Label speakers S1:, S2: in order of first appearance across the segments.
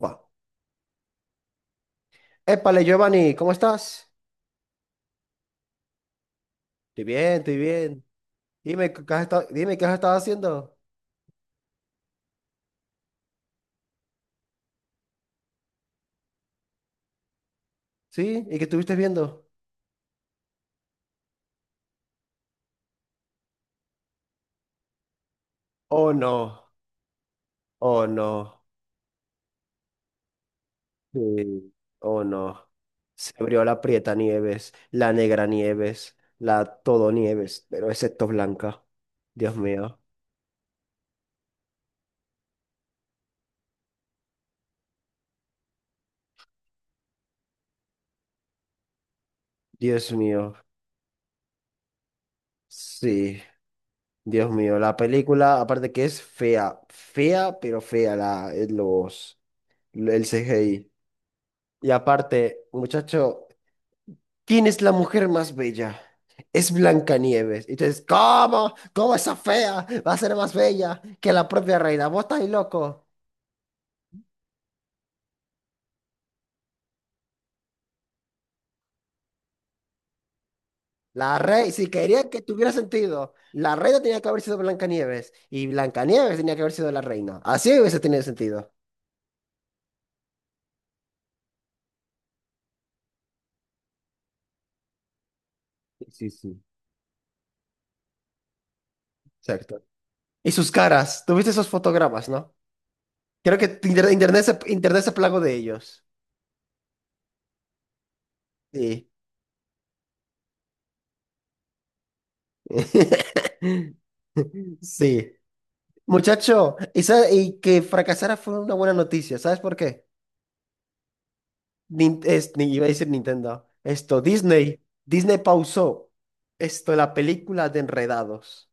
S1: Buah. Épale, Giovanni, ¿cómo estás? Estoy bien, estoy bien. Dime, ¿qué has estado haciendo? ¿Sí? ¿Y qué estuviste viendo? Oh, no. Oh, no. Sí. Oh, no. Se abrió la Prieta Nieves, la Negra Nieves, la Todo Nieves, pero excepto Blanca. Dios mío. Dios mío. Sí. Dios mío. La película, aparte que es fea. Fea, pero fea el CGI. Y aparte, muchacho. ¿Quién es la mujer más bella? Es Blancanieves. Y tú dices, ¿cómo? ¿Cómo esa fea va a ser más bella que la propia reina? ¿Vos estás ahí loco? La reina, si quería que tuviera sentido, la reina tenía que haber sido Blancanieves y Blancanieves tenía que haber sido la reina. Así hubiese tenido sentido. Sí, sí, sí. Exacto. Y sus caras, ¿tuviste esos fotogramas, no? Creo que internet internet se plagó de ellos. Sí. Sí. Muchacho, esa, y que fracasara fue una buena noticia. ¿Sabes por qué? Ni iba a decir Nintendo. Esto, Disney. Disney pausó esto, la película de Enredados.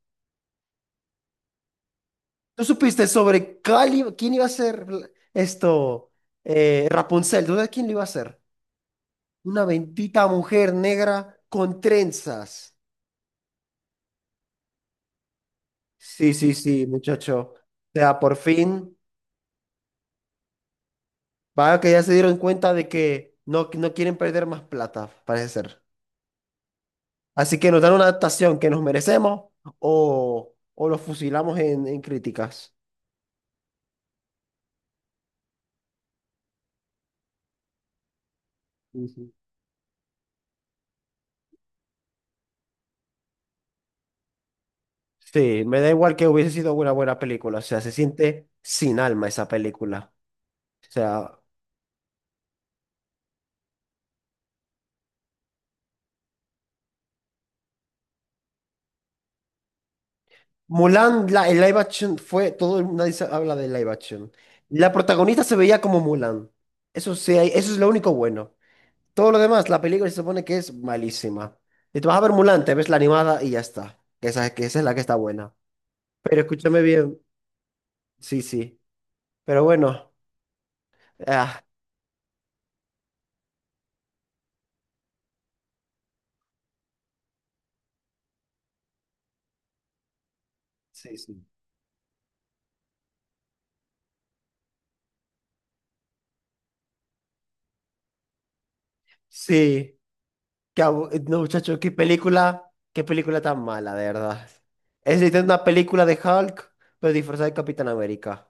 S1: ¿Tú supiste quién iba a ser esto? Rapunzel. ¿Tú sabes quién lo iba a hacer? Una bendita mujer negra con trenzas. Sí, sí, sí, muchacho. O sea, por fin, vaya que ya se dieron cuenta de que no, no quieren perder más plata, parece ser. Así que nos dan una adaptación que nos merecemos o lo fusilamos en críticas. Ujú. Sí, me da igual que hubiese sido una buena película. O sea, se siente sin alma esa película. O sea, Mulan, el live action fue, todo el mundo dice- habla de live action. La protagonista se veía como Mulan. Eso sí, eso es lo único bueno. Todo lo demás, la película se supone que es malísima. Y tú vas a ver Mulan, te ves la animada y ya está. Que esa es la que está buena. Pero escúchame bien. Sí, sí. Pero bueno. Ah, Sí, sí. Sí. No, muchacho, qué película tan mala, de verdad. Es literalmente una película de Hulk, pero disfrazada de Capitán América.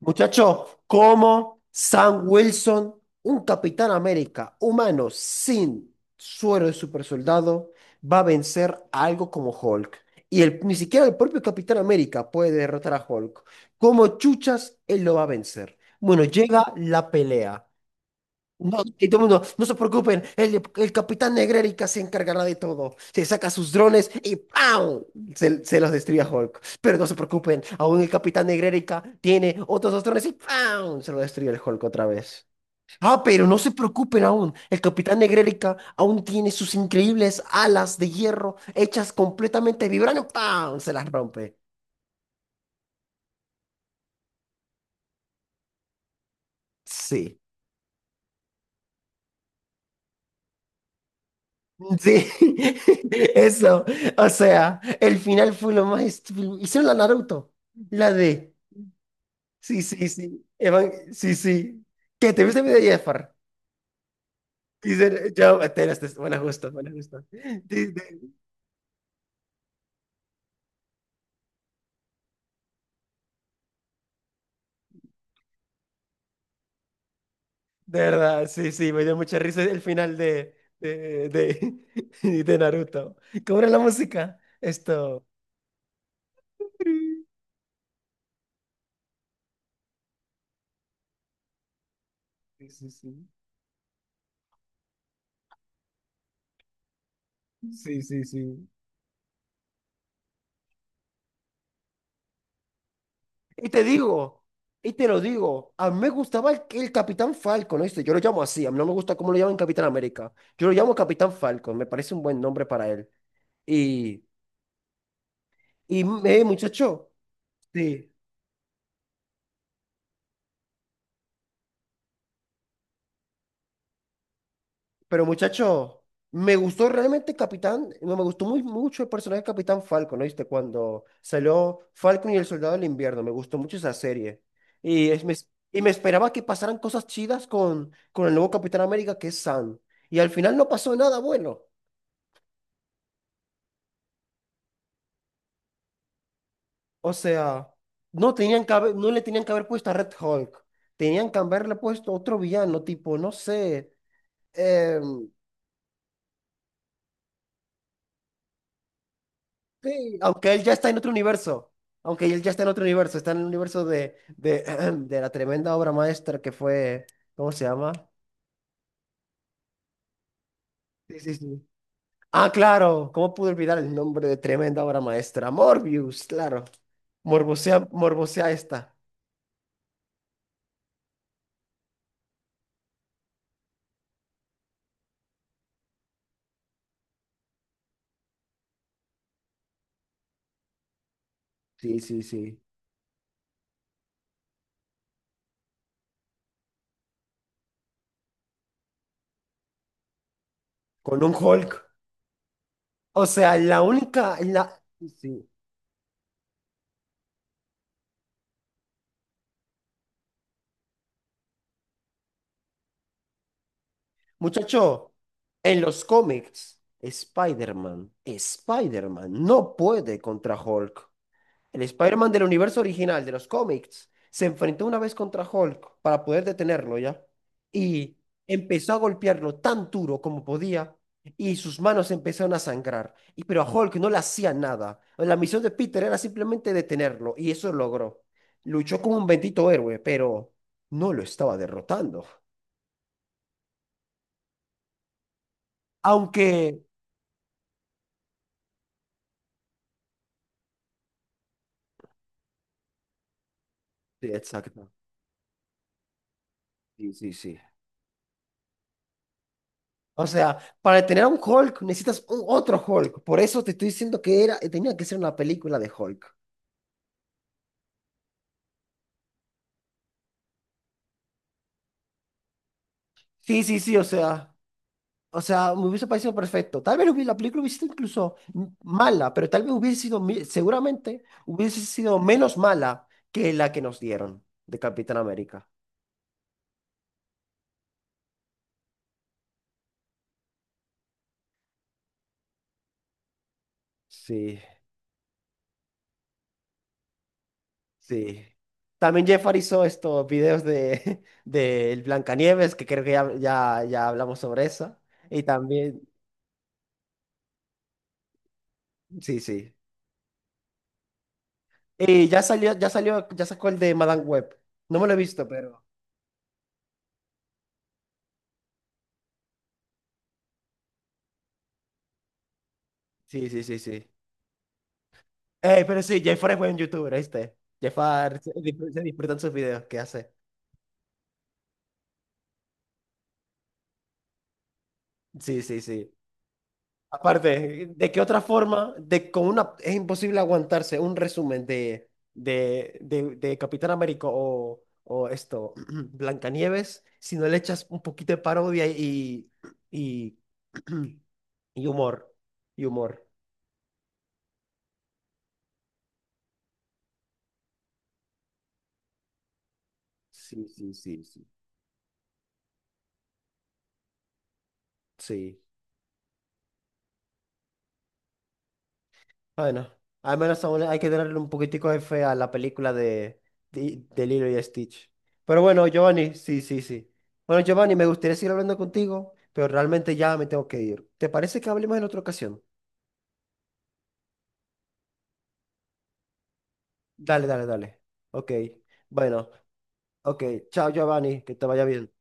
S1: Muchacho, ¿cómo Sam Wilson, un Capitán América humano sin suero de supersoldado, va a vencer a algo como Hulk? Ni siquiera el propio Capitán América puede derrotar a Hulk. ¿Cómo chuchas él lo va a vencer? Bueno, llega la pelea. No, y todo el mundo, no se preocupen, el capitán Negrérica se encargará de todo. Se saca sus drones y ¡pam! Se los destruye a Hulk. Pero no se preocupen, aún el capitán Negrérica tiene otros dos drones y ¡pam! Se lo destruye el Hulk otra vez. Ah, pero no se preocupen aún, el capitán Negrérica aún tiene sus increíbles alas de hierro hechas completamente de vibranio. ¡Pam! Se las rompe. Sí. Sí, eso. O sea, el final fue lo más estúpido. Hicieron la Naruto. La de. Sí, sí, sí. Sí, sí. ¿Qué? ¿Te viste el video de Jafar? Dicen, yo, te las des- bueno, justo, bueno, justo. De- de verdad, sí, sí, me dio mucha risa el final de Naruto. ¿Cómo era la música? Esto. Sí, sí, sí. Sí, sí, sí. Y te digo, y te lo digo, a mí me gustaba el Capitán Falcon, ¿oíste? Yo lo llamo así, a mí no me gusta cómo lo llaman Capitán América. Yo lo llamo Capitán Falcon, me parece un buen nombre para él. Y, Muchacho, sí, pero muchacho, me gustó realmente Capitán, no, me gustó muy mucho el personaje de Capitán Falcon, ¿oíste? Cuando salió Falcon y el Soldado del Invierno, me gustó mucho esa serie. Y, es, me, y me esperaba que pasaran cosas chidas con el nuevo Capitán América, que es Sam. Y al final no pasó nada bueno. O sea, no le tenían que haber puesto a Red Hulk. Tenían que haberle puesto otro villano, tipo, no sé. em, sí, aunque él ya está en otro universo. Aunque él ya está en otro universo. Está en el universo de la tremenda obra maestra que fue. ¿Cómo se llama? Sí, sí, sí. Ah, claro. ¿Cómo pude olvidar el nombre de tremenda obra maestra? Morbius, claro. Morbosea, morbosea esta. Sí, sí, sí. Con un Hulk. O sea, la única. La... Sí. Muchacho, en los cómics, Spider-Man no puede contra Hulk. El Spider-Man del universo original de los cómics se enfrentó una vez contra Hulk para poder detenerlo ya. Y empezó a golpearlo tan duro como podía y sus manos empezaron a sangrar. Y, pero a Hulk no le hacía nada. La misión de Peter era simplemente detenerlo y eso logró. Luchó como un bendito héroe, pero no lo estaba derrotando. Aunque... Sí, exacto. Sí, sí, sí. O sea, para tener a un Hulk necesitas un otro Hulk. Por eso te estoy diciendo que era, tenía que ser una película de Hulk. Sí, sí, sí, o sea. O sea, me hubiese parecido perfecto. La película hubiese sido incluso mala, pero tal vez hubiese sido, seguramente hubiese sido menos mala que la que nos dieron de Capitán América. Sí, sí. También Jeff hizo estos videos de, de Blancanieves, que creo que ya hablamos sobre eso. Y también, sí, sí. Y ya salió, ya sacó el de Madame Web. No me lo he visto, pero. Sí, sí, sí, sí. Pero sí, Jafar es buen youtuber, ¿viste? Jafar, se disfrutan sus videos que hace. Sí, sí, sí. Aparte, ¿de qué otra forma? De, con una, es imposible aguantarse un resumen de Capitán América o esto, Blancanieves, si no le echas un poquito de parodia y, y humor. Y humor. Sí, sí, sí, sí. Sí. Bueno, al menos aún hay que tenerle un poquitico de fe a la película de Lilo y Stitch. Pero bueno, Giovanni, sí, sí, sí. Bueno, Giovanni, me gustaría seguir hablando contigo, pero realmente ya me tengo que ir. ¿Te parece que hablemos en otra ocasión? Dale, dale, dale. Ok. Bueno, ok. Chao, Giovanni, que te vaya bien.